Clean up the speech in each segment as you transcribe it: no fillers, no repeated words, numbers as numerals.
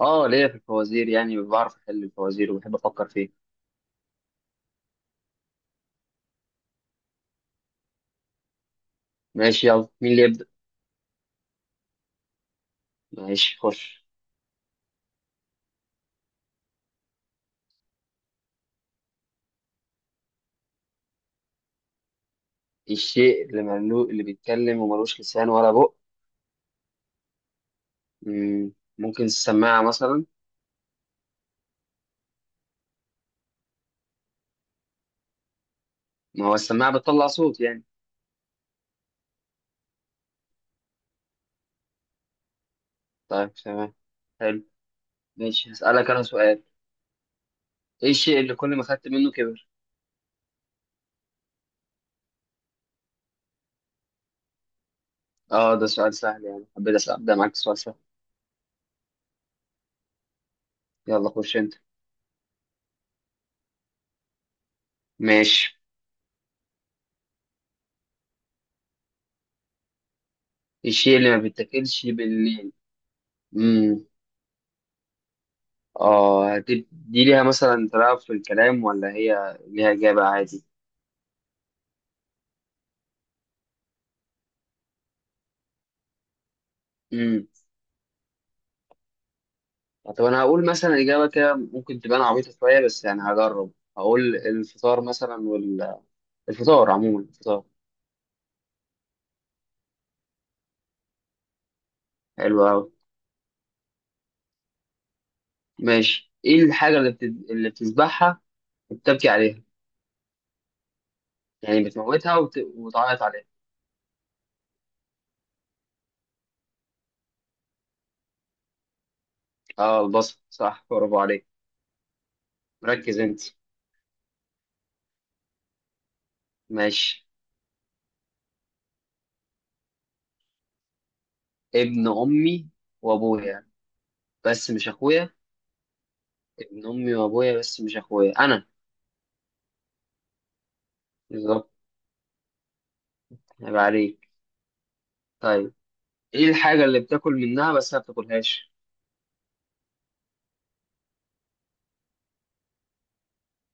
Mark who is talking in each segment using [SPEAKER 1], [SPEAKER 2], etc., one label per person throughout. [SPEAKER 1] اه، ليا في الفوازير، يعني بعرف احل الفوازير وبحب افكر فيه. ماشي، يلا، مين اللي يبدأ؟ ماشي، خش. الشيء اللي اللي بيتكلم وملوش لسان ولا بق؟ ممكن السماعة مثلا. ما هو السماعة بتطلع صوت يعني. طيب، تمام. حلو. ماشي، هسألك انا سؤال. ايه الشيء اللي كل ما خدت منه كبر؟ اه، ده سؤال سهل يعني، ابدأ معاك سؤال سهل. يلا، خش انت. ماشي. الشيء اللي ما بيتاكلش بالليل. اه، دي ليها مثلا تلاعب في الكلام ولا هي ليها إجابة عادي؟ امم. طب أنا هقول مثلا إجابة كده ممكن تبان عبيطة شوية بس يعني هجرب، هقول الفطار مثلا الفطار عموما، الفطار. حلو أوي. ماشي، إيه الحاجة اللي اللي بتذبحها وبتبكي عليها؟ يعني بتموتها وتعيط عليها. اه، البصل، صح، برافو عليك. مركز أنت. ماشي. ابن أمي وأبويا بس مش أخويا. ابن أمي وأبويا بس مش أخويا، أنا. بالظبط. هيبقى عليك. طيب، ايه الحاجة اللي بتاكل منها بس ما بتاكلهاش؟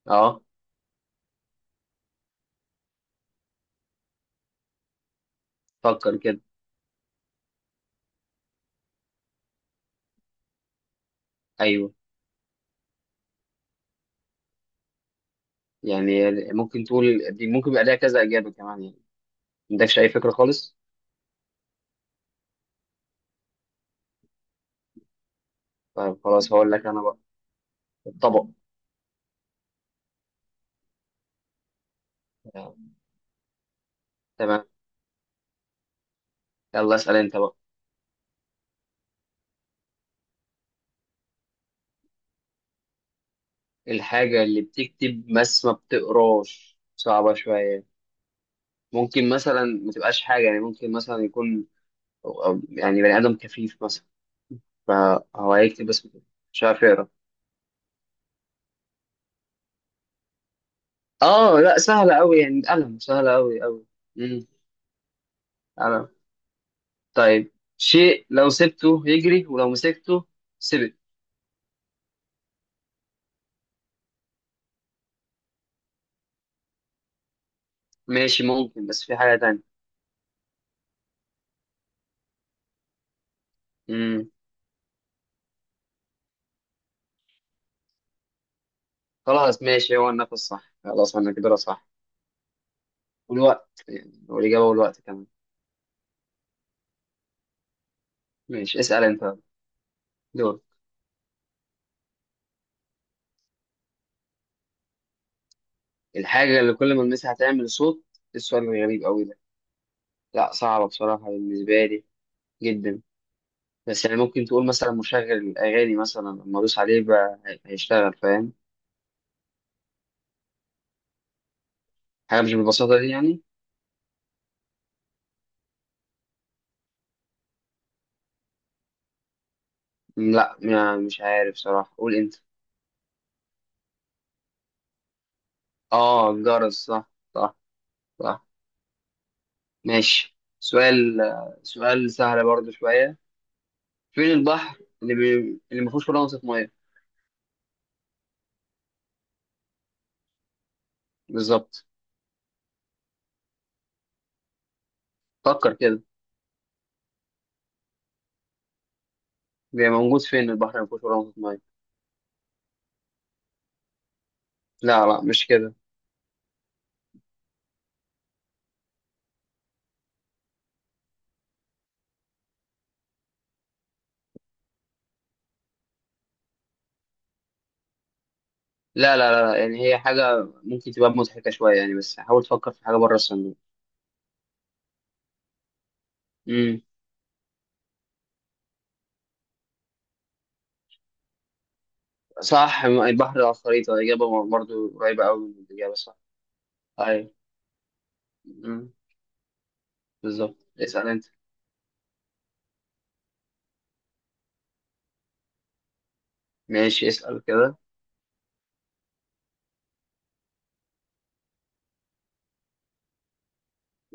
[SPEAKER 1] اه. فكر كده. ايوه. يعني ممكن تقول دي ممكن يبقى ليها كذا اجابة كمان يعني. ما عندكش اي فكرة خالص؟ طيب، خلاص هقول لك انا بقى. الطبق. تمام. يلا، اسأل انت بقى. الحاجة اللي بتكتب بس ما بتقراش صعبة شوية. ممكن مثلا ما تبقاش حاجة يعني، ممكن مثلا يكون أو يعني بني آدم كفيف مثلا، فهو هيكتب بس مش عارف يقرا. اه، لا، سهلة أوي يعني، القلم، سهلة أوي أوي. أنا. طيب، شيء لو سبته يجري ولو مسكته. سبت. ماشي، ممكن، بس في حاجة تانية. امم. خلاص، ماشي، هو النفس، صح، خلاص احنا كده صح. والوقت يعني، والإجابة والوقت كمان. ماشي، اسأل أنت. دور. الحاجة اللي كل ما ألمسها هتعمل صوت، إيه السؤال الغريب أوي ده؟ لا، صعبة بصراحة بالنسبة لي، جدا. بس يعني ممكن تقول مثلا مشغل الأغاني مثلا، لما أدوس عليه بقى هيشتغل، فاهم؟ حاجة مش بالبساطة دي يعني. لا، مش عارف صراحة، قول أنت. اه، الجرس، صح، صح، صح. ماشي، سؤال. سؤال سهل برضو شوية. فين البحر اللي اللي ما فيهوش ولا نقطة مية؟ بالظبط. فكر كده. بيبقى موجود فين البحر اللي ما فيهوش ولا نقطة مية. لا، لا، مش كده. لا، لا، لا، لا، يعني هي حاجة ممكن تبقى مضحكة شوية يعني، بس حاول تفكر في حاجة بره الصندوق. امم. صح، البحر على الخريطة إجابة برضو قريبة أوي من الإجابة الصح. أيوة. امم. بالظبط، اسأل أنت. ماشي، اسأل كده.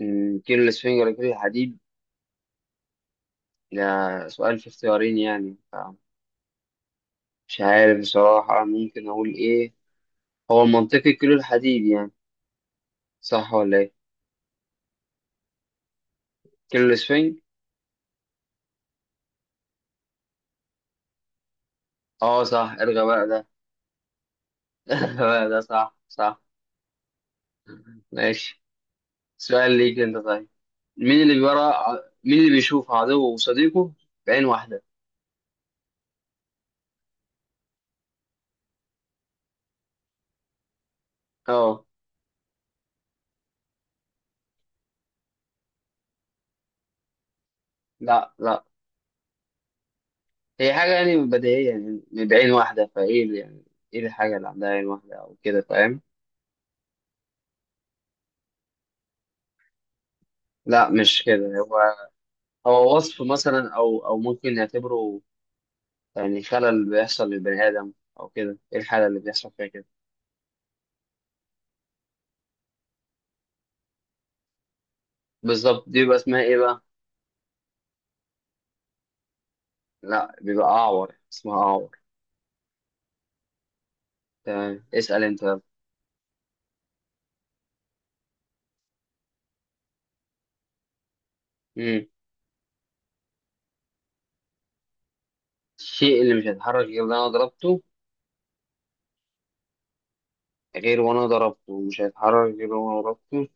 [SPEAKER 1] امم، كيلو الإسفنجة ولا كيلو الحديد. ده سؤال في اختيارين يعني، مش عارف بصراحة ممكن أقول إيه. هو منطقي كيلو الحديد يعني، صح ولا إيه؟ كيلو الإسفنج. أه، صح، ارغى بقى ده. ارغى بقى ده، صح، صح. ماشي. سؤال ليك أنت طيب. مين اللي بيشوف عدوه وصديقه بعين واحدة. أه. لا، لا. هي حاجة يعني بديهية يعني، بعين واحدة، فإيه يعني، إيه الحاجة اللي عندها عين واحدة أو كده، فاهم؟ لا، مش كده هو. هو وصف مثلا، او ممكن نعتبره، يعني خلل بيحصل للبني ادم، او كده، ايه الحاله اللي بيحصل فيها كده؟ بالظبط، دي بيبقى اسمها ايه بقى؟ لا، بيبقى اعور، اسمها اعور. تمام، اسال انت بقى. امم. الشيء اللي مش هيتحرك غير وانا ضربته. غير وانا ضربته، مش هيتحرك غير وانا ضربته،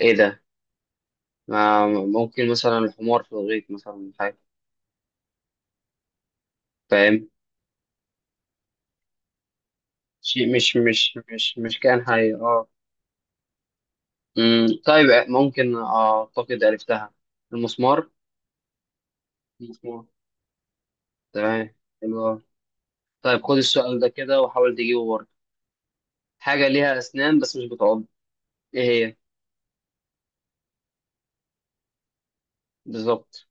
[SPEAKER 1] ايه ده؟ ما ممكن مثلا الحمار في الغيط مثلا، حاجه، فاهم؟ شيء مش كائن حي، اه. طيب، ممكن اعتقد عرفتها. المسمار. المسمار. تمام، حلو أوي. طيب، خد السؤال ده كده وحاول تجيبه برضه. حاجة ليها أسنان بس مش بتعض. إيه هي؟ بالظبط،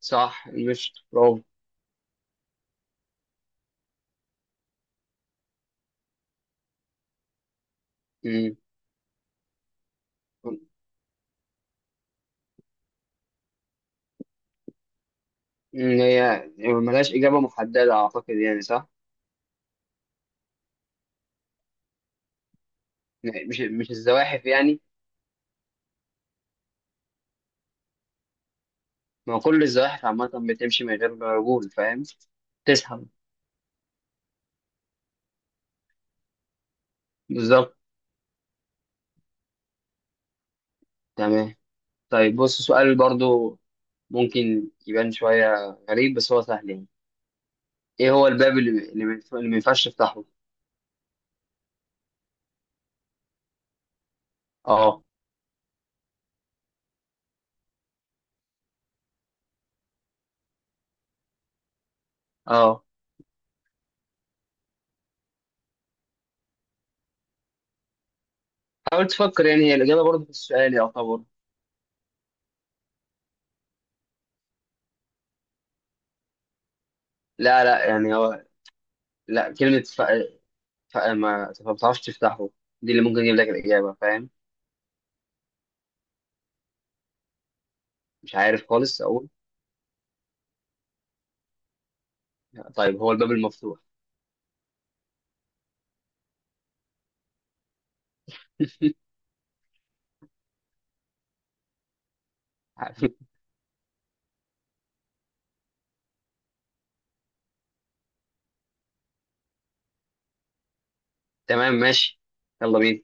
[SPEAKER 1] صح، مش برافو. مم. هي، يعني ملهاش إجابة محددة أعتقد يعني، صح. مش الزواحف يعني. ما هو كل الزواحف عامة بتمشي من غير رجول، فاهم؟ تسحب. بالظبط. تمام. طيب، بص، سؤال برضو، ممكن يبان شوية غريب بس هو سهل يعني. إيه هو الباب اللي ما ينفعش تفتحه؟ أه. أه. حاول تفكر يعني، هي الإجابة برضه في السؤال يعتبر. لا، لا، يعني هو، لا، كلمة ما بتعرفش تفتحه، دي اللي ممكن يجيب لك الإجابة، فاهم؟ مش عارف خالص أقول. طيب، هو الباب المفتوح. تمام، ماشي، يلا بينا.